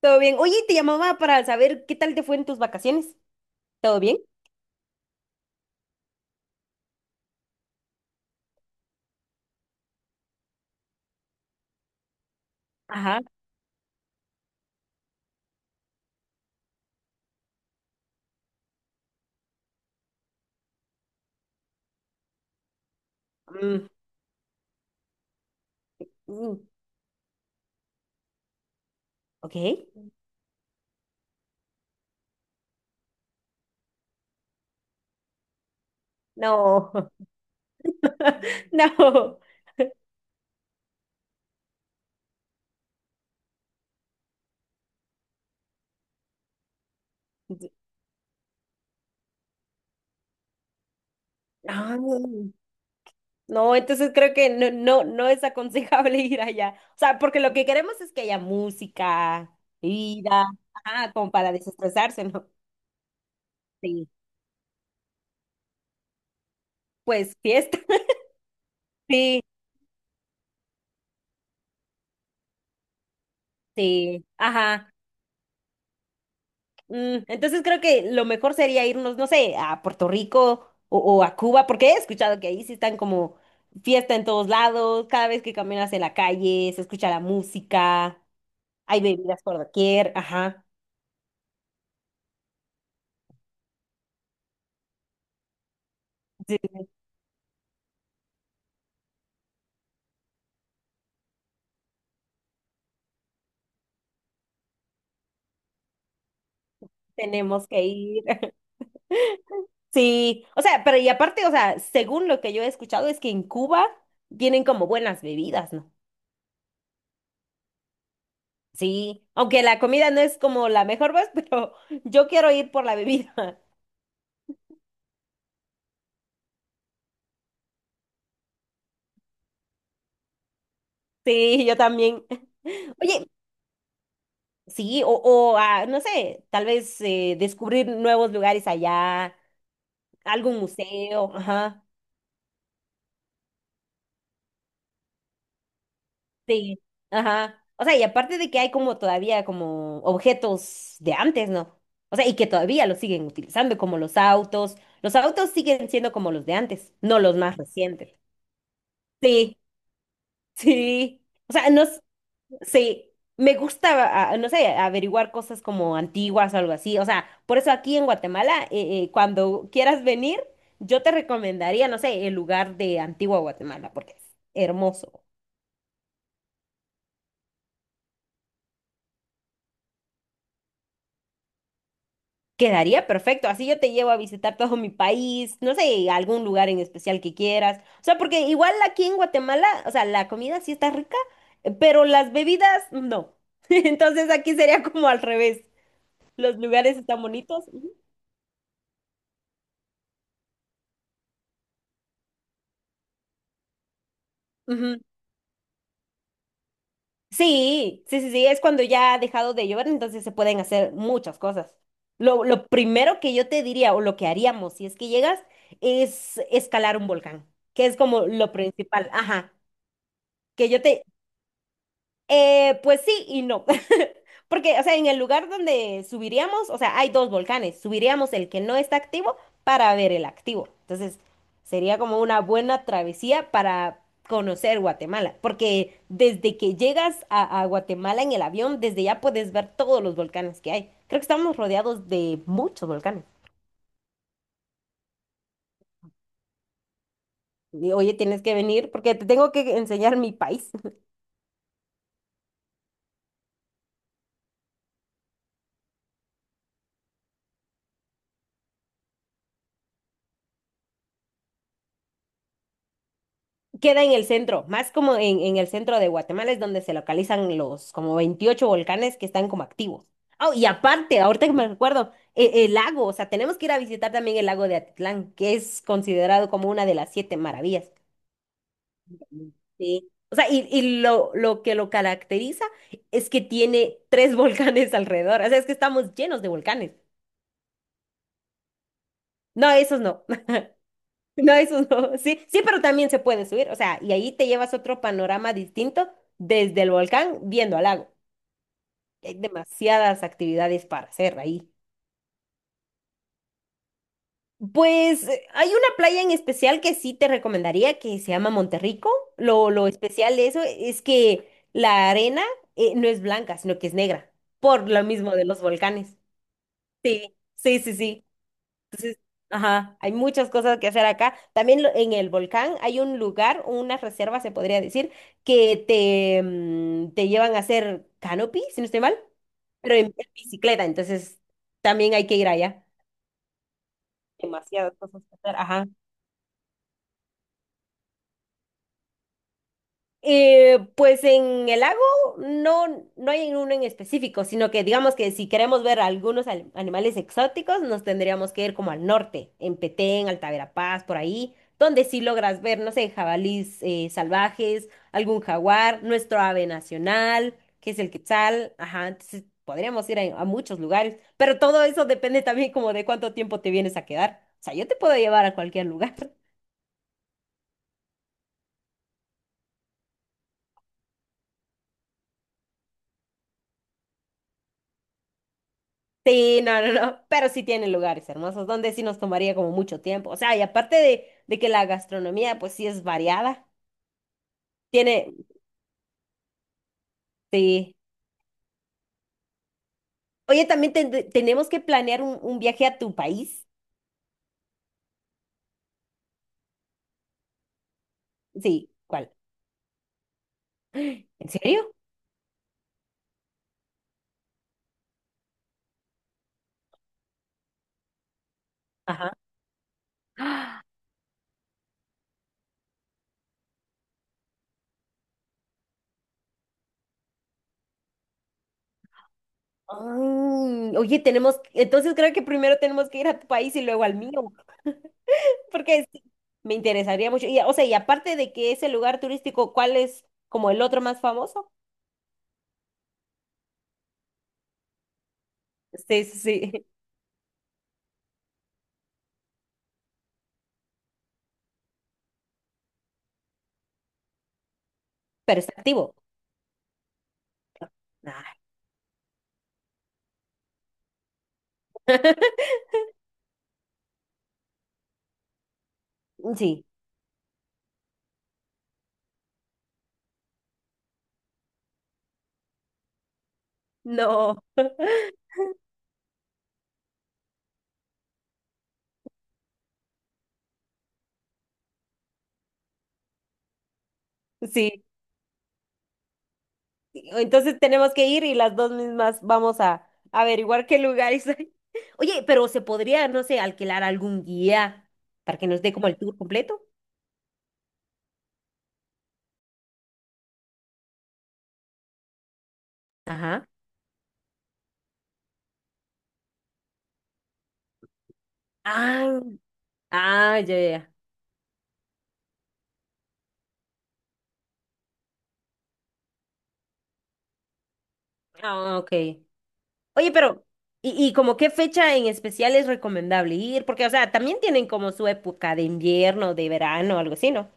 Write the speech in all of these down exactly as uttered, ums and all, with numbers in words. Todo bien. Oye, te llamaba para saber qué tal te fue en tus vacaciones. ¿Todo bien? Ajá. Mm, mm, ok. No, no. No, no, entonces creo que no, no, no es aconsejable ir allá. O sea, porque lo que queremos es que haya música, vida, ajá, como para desestresarse, ¿no? Sí. Pues fiesta. Sí, sí. Ajá. Mm, entonces creo que lo mejor sería irnos, no sé, a Puerto Rico o, o a Cuba, porque he escuchado que ahí sí están como fiesta en todos lados, cada vez que caminas en la calle se escucha la música, hay bebidas por doquier, ajá. Sí, tenemos que ir. Sí, o sea, pero y aparte, o sea, según lo que yo he escuchado es que en Cuba tienen como buenas bebidas, ¿no? Sí, aunque la comida no es como la mejor, pues, pero yo quiero ir por la bebida. Sí, yo también. Oye, sí, o, o ah, no sé, tal vez eh, descubrir nuevos lugares allá, algún museo, ajá, sí, ajá. O sea, y aparte de que hay como todavía como objetos de antes, ¿no? O sea, y que todavía los siguen utilizando, como los autos. Los autos siguen siendo como los de antes, no los más recientes. Sí, sí. O sea, no, sí, me gusta, ah, no sé, averiguar cosas como antiguas o algo así. O sea, por eso aquí en Guatemala, eh, eh, cuando quieras venir, yo te recomendaría, no sé, el lugar de Antigua Guatemala, porque es hermoso. Quedaría perfecto. Así yo te llevo a visitar todo mi país, no sé, algún lugar en especial que quieras. O sea, porque igual aquí en Guatemala, o sea, la comida sí está rica, eh, pero las bebidas no. Entonces aquí sería como al revés. Los lugares están bonitos. Ujú, ujú, sí, sí, sí, sí, es cuando ya ha dejado de llover, entonces se pueden hacer muchas cosas. Lo, lo primero que yo te diría o lo que haríamos si es que llegas es escalar un volcán, que es como lo principal, ajá, que yo te, eh, pues sí y no. Porque, o sea, en el lugar donde subiríamos, o sea, hay dos volcanes. Subiríamos el que no está activo para ver el activo. Entonces, sería como una buena travesía para conocer Guatemala. Porque desde que llegas a, a Guatemala en el avión, desde ya puedes ver todos los volcanes que hay. Creo que estamos rodeados de muchos volcanes. Y, oye, tienes que venir porque te tengo que enseñar mi país. Queda en el centro, más como en, en, el centro de Guatemala es donde se localizan los como veintiocho volcanes que están como activos. Oh, y aparte, ahorita que me recuerdo, e- el, lago, o sea, tenemos que ir a visitar también el lago de Atitlán, que es considerado como una de las siete maravillas. Sí. O sea, y, y lo, lo que lo caracteriza es que tiene tres volcanes alrededor, o sea, es que estamos llenos de volcanes. No, esos no. No, eso no. Sí, sí, pero también se puede subir. O sea, y ahí te llevas otro panorama distinto desde el volcán viendo al lago. Hay demasiadas actividades para hacer ahí. Pues eh, hay una playa en especial que sí te recomendaría que se llama Monterrico. Lo, lo especial de eso es que la arena eh, no es blanca, sino que es negra, por lo mismo de los volcanes. Sí, sí, sí, sí. Ajá, hay muchas cosas que hacer acá. También lo- en el volcán hay un lugar, una reserva, se podría decir, que te, mm, te llevan a hacer canopy, si no estoy mal, pero en, en, bicicleta, entonces también hay que ir allá. Demasiadas cosas que hacer, ajá. Eh, pues en el lago no, no hay uno en específico, sino que digamos que si queremos ver algunos al- animales exóticos, nos tendríamos que ir como al norte, en Petén, Alta Verapaz, por ahí, donde sí logras ver, no sé, jabalís eh, salvajes, algún jaguar, nuestro ave nacional, que es el quetzal, ajá, entonces podríamos ir a, a muchos lugares, pero todo eso depende también como de cuánto tiempo te vienes a quedar. O sea, yo te puedo llevar a cualquier lugar. Sí, no, no, no, pero sí tiene lugares hermosos donde sí nos tomaría como mucho tiempo. O sea, y aparte de, de que la gastronomía pues sí es variada, tiene, sí. Oye, también ten- te- tenemos que planear un, un viaje a tu país. Sí, ¿cuál? ¿En serio? Ajá. Ay, oye, tenemos, entonces creo que primero tenemos que ir a tu país y luego al mío, porque sí, me interesaría mucho. Y, o sea, y aparte de que ese lugar turístico, ¿cuál es como el otro más famoso? Sí, sí, sí, pero está activo. Ah. Sí. No, sí. Entonces tenemos que ir y las dos mismas vamos a averiguar qué lugares hay. Oye, pero se podría, no sé, alquilar algún guía para que nos dé como el tour completo. Ajá. Ah, ah, ya, ya. Ya. Ah, ok. Oye, pero, ¿y, y como qué fecha en especial es recomendable ir? Porque, o sea, también tienen como su época de invierno, de verano, algo así, ¿no?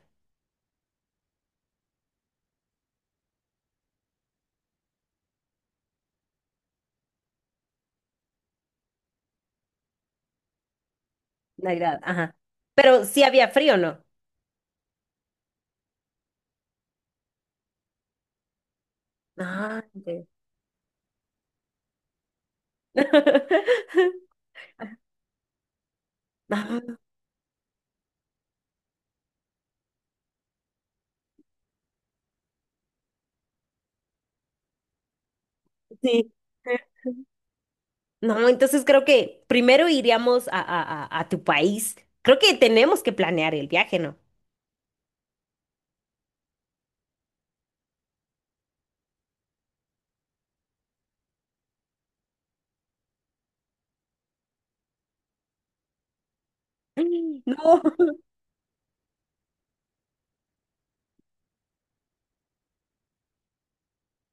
Navidad, ajá. Pero sí había frío, ¿no? Ah, ok. Ah, sí. No, entonces creo que primero iríamos a, a- a- a tu país. Creo que tenemos que planear el viaje, ¿no? No,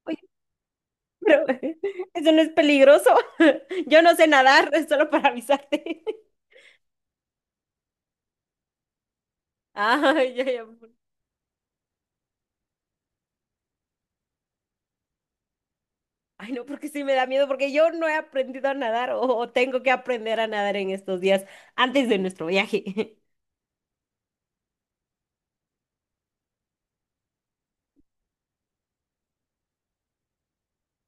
oye, pero eso no es peligroso. Yo no sé nadar, es solo para avisarte. Ay, ya, ya. Ay, no, porque sí me da miedo, porque yo no he aprendido a nadar o, o tengo que aprender a nadar en estos días antes de nuestro viaje.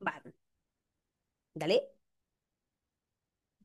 Va, dale.